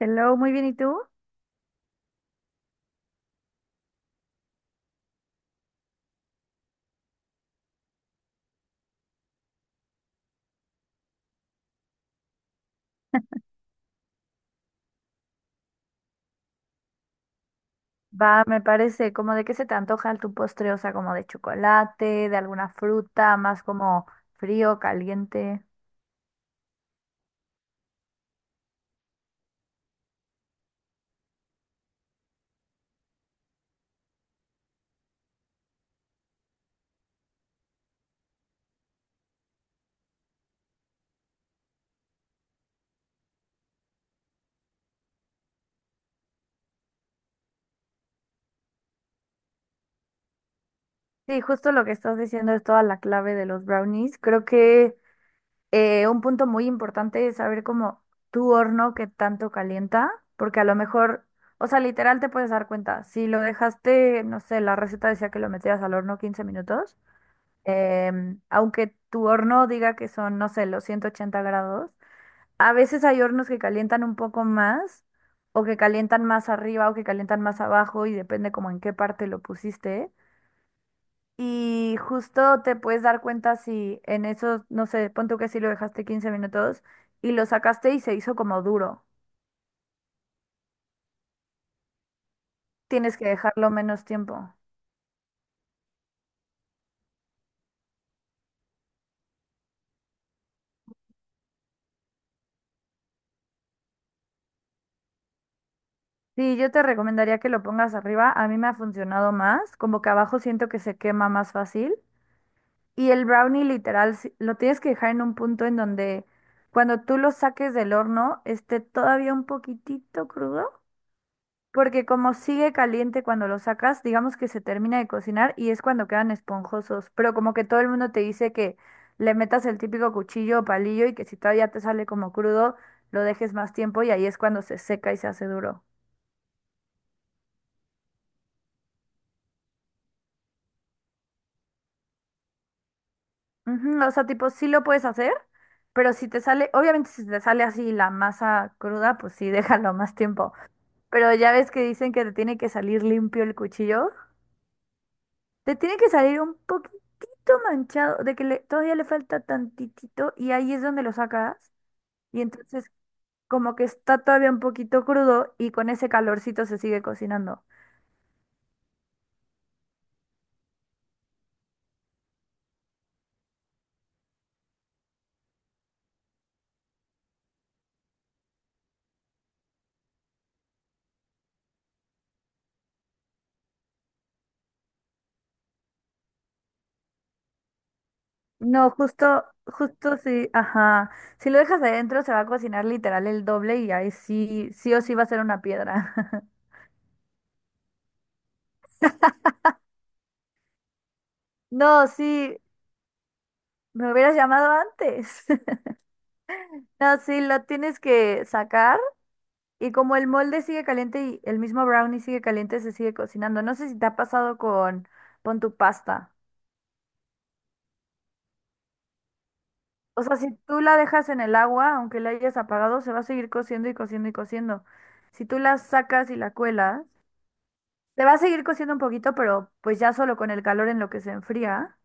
Hello, muy bien, ¿y tú? Va, me parece, como de qué se te antoja tu postre, o sea, como de chocolate, de alguna fruta, más como frío, caliente. Sí, justo lo que estás diciendo es toda la clave de los brownies. Creo que un punto muy importante es saber cómo tu horno que tanto calienta, porque a lo mejor, o sea, literal te puedes dar cuenta, si lo dejaste, no sé, la receta decía que lo metías al horno 15 minutos, aunque tu horno diga que son, no sé, los 180 grados. A veces hay hornos que calientan un poco más, o que calientan más arriba, o que calientan más abajo, y depende como en qué parte lo pusiste. Y justo te puedes dar cuenta si en esos, no sé, pon tú que si lo dejaste 15 minutos y lo sacaste y se hizo como duro. Tienes que dejarlo menos tiempo. Sí, yo te recomendaría que lo pongas arriba. A mí me ha funcionado más, como que abajo siento que se quema más fácil. Y el brownie literal lo tienes que dejar en un punto en donde cuando tú lo saques del horno esté todavía un poquitito crudo, porque como sigue caliente cuando lo sacas, digamos que se termina de cocinar y es cuando quedan esponjosos, pero como que todo el mundo te dice que le metas el típico cuchillo o palillo y que si todavía te sale como crudo, lo dejes más tiempo y ahí es cuando se seca y se hace duro. Ujú, o sea, tipo, sí lo puedes hacer, pero si te sale, obviamente si te sale así la masa cruda, pues sí, déjalo más tiempo. Pero ya ves que dicen que te tiene que salir limpio el cuchillo. Te tiene que salir un poquitito manchado, de que todavía le falta tantitito y ahí es donde lo sacas. Y entonces como que está todavía un poquito crudo y con ese calorcito se sigue cocinando. No, justo, justo si, ajá, si lo dejas adentro se va a cocinar literal el doble y ahí sí, sí o sí va a ser una piedra. No, sí, me hubieras llamado antes. No, sí, lo tienes que sacar. Y como el molde sigue caliente y el mismo brownie sigue caliente, se sigue cocinando. No sé si te ha pasado con tu pasta. O sea, si tú la dejas en el agua, aunque la hayas apagado, se va a seguir cociendo y cociendo y cociendo. Si tú la sacas y la cuelas, se va a seguir cociendo un poquito, pero pues ya solo con el calor en lo que se enfría.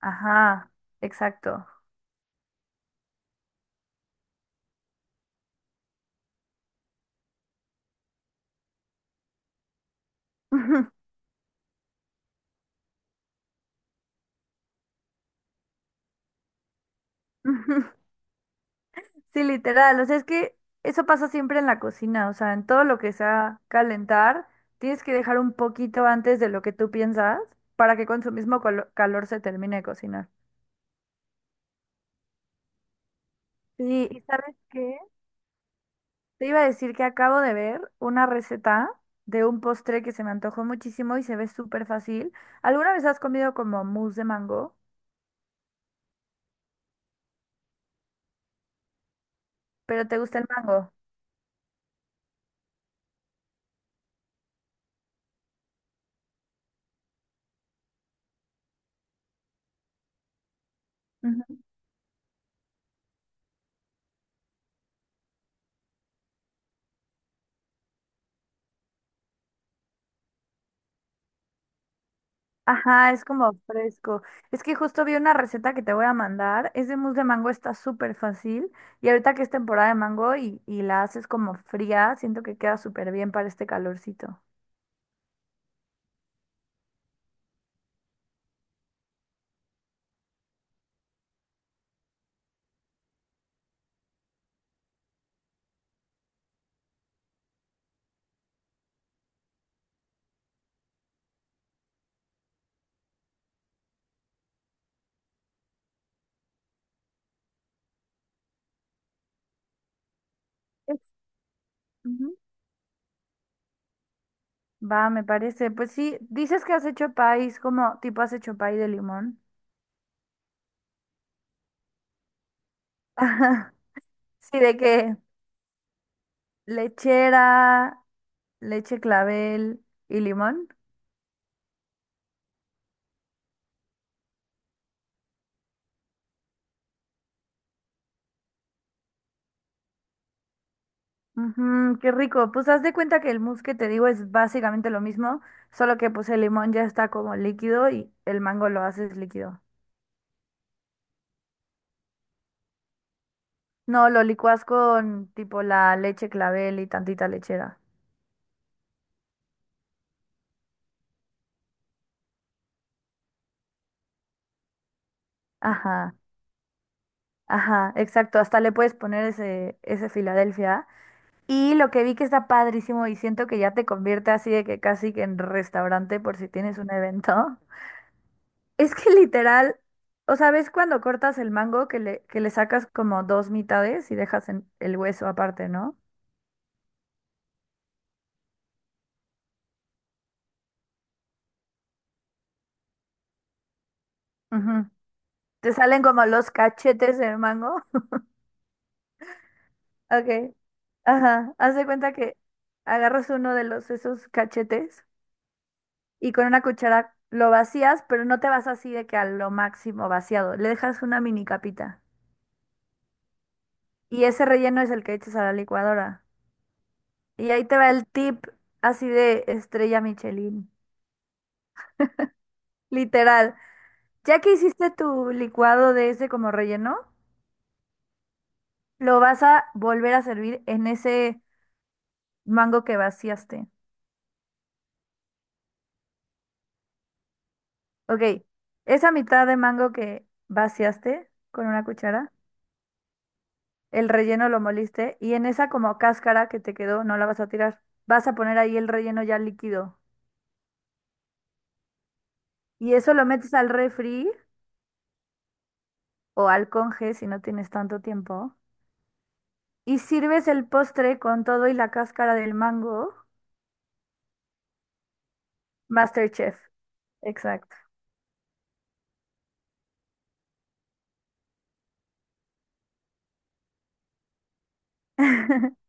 Ajá, exacto. Sí, literal. O sea, es que eso pasa siempre en la cocina. O sea, en todo lo que sea calentar, tienes que dejar un poquito antes de lo que tú piensas para que con su mismo calor se termine de cocinar. Sí, ¿y sabes qué? Te iba a decir que acabo de ver una receta de un postre que se me antojó muchísimo y se ve súper fácil. ¿Alguna vez has comido como mousse de mango? ¿Pero te gusta el mango? Ajá, es como fresco. Es que justo vi una receta que te voy a mandar. Es de mousse de mango, está súper fácil. Y ahorita que es temporada de mango y la haces como fría, siento que queda súper bien para este calorcito. Es- Ujú. Va, me parece. Pues sí, dices que has hecho país, como tipo has hecho pay de limón. Sí, de que lechera, leche clavel y limón. Ujú, qué rico. Pues haz de cuenta que el mousse que te digo es básicamente lo mismo, solo que pues el limón ya está como líquido y el mango lo haces líquido. No, lo licuas con tipo la leche clavel y tantita lechera. Ajá, ajá, exacto. Hasta le puedes poner ese Filadelfia. Y lo que vi que está padrísimo y siento que ya te convierte así de que casi que en restaurante por si tienes un evento. Es que literal, o sea, ¿ves cuando cortas el mango que le sacas como dos mitades y dejas el hueso aparte, ¿no? Ujú. Te salen como los cachetes del mango. Ok. Ajá. Haz de cuenta que agarras uno de los esos cachetes y con una cuchara lo vacías, pero no te vas así de que a lo máximo vaciado. Le dejas una mini capita. Y ese relleno es el que echas a la licuadora. Y ahí te va el tip así de estrella Michelin. Literal. Ya que hiciste tu licuado de ese como relleno, lo vas a volver a servir en ese mango que vaciaste. Ok, esa mitad de mango que vaciaste con una cuchara, el relleno lo moliste y en esa como cáscara que te quedó no la vas a tirar. Vas a poner ahí el relleno ya líquido. Y eso lo metes al refri o al conge si no tienes tanto tiempo. Y sirves el postre con todo y la cáscara del mango. MasterChef, exacto.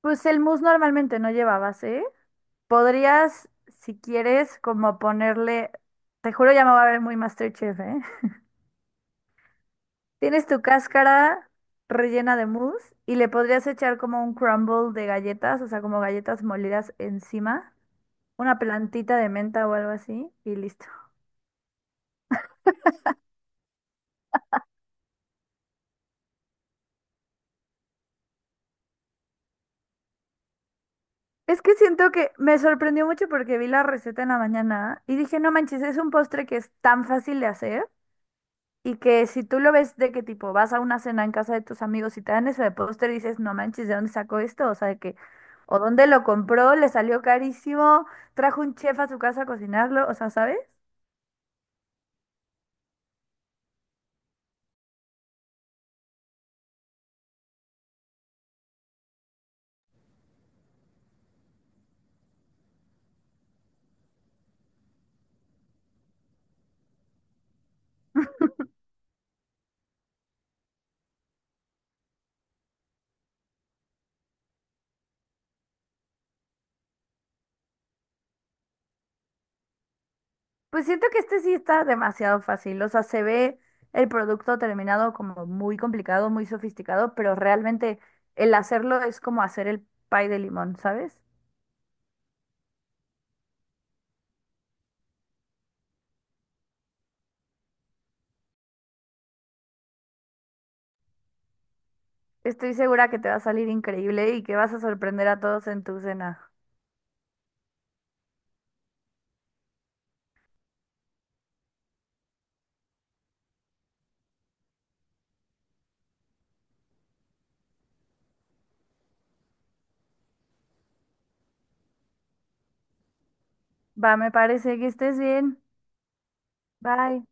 Pues el mousse normalmente no lleva base. Podrías, si quieres, como ponerle, te juro ya me va a ver muy MasterChef, ¿eh? Tienes tu cáscara rellena de mousse y le podrías echar como un crumble de galletas, o sea, como galletas molidas encima, una plantita de menta o algo así y listo. Es que siento que me sorprendió mucho porque vi la receta en la mañana y dije, no manches, es un postre que es tan fácil de hacer. Y que si tú lo ves de que tipo vas a una cena en casa de tus amigos y te dan eso de póster y dices, no manches, ¿de dónde sacó esto? O sea, de que, o dónde lo compró, le salió carísimo, trajo un chef a su casa a cocinarlo, o sea, ¿sabes? Pues siento que este sí está demasiado fácil, o sea, se ve el producto terminado como muy complicado, muy sofisticado, pero realmente el hacerlo es como hacer el pie de limón, ¿sabes? Estoy segura que te va a salir increíble y que vas a sorprender a todos en tu cena. Va, me parece que estés bien. Bye.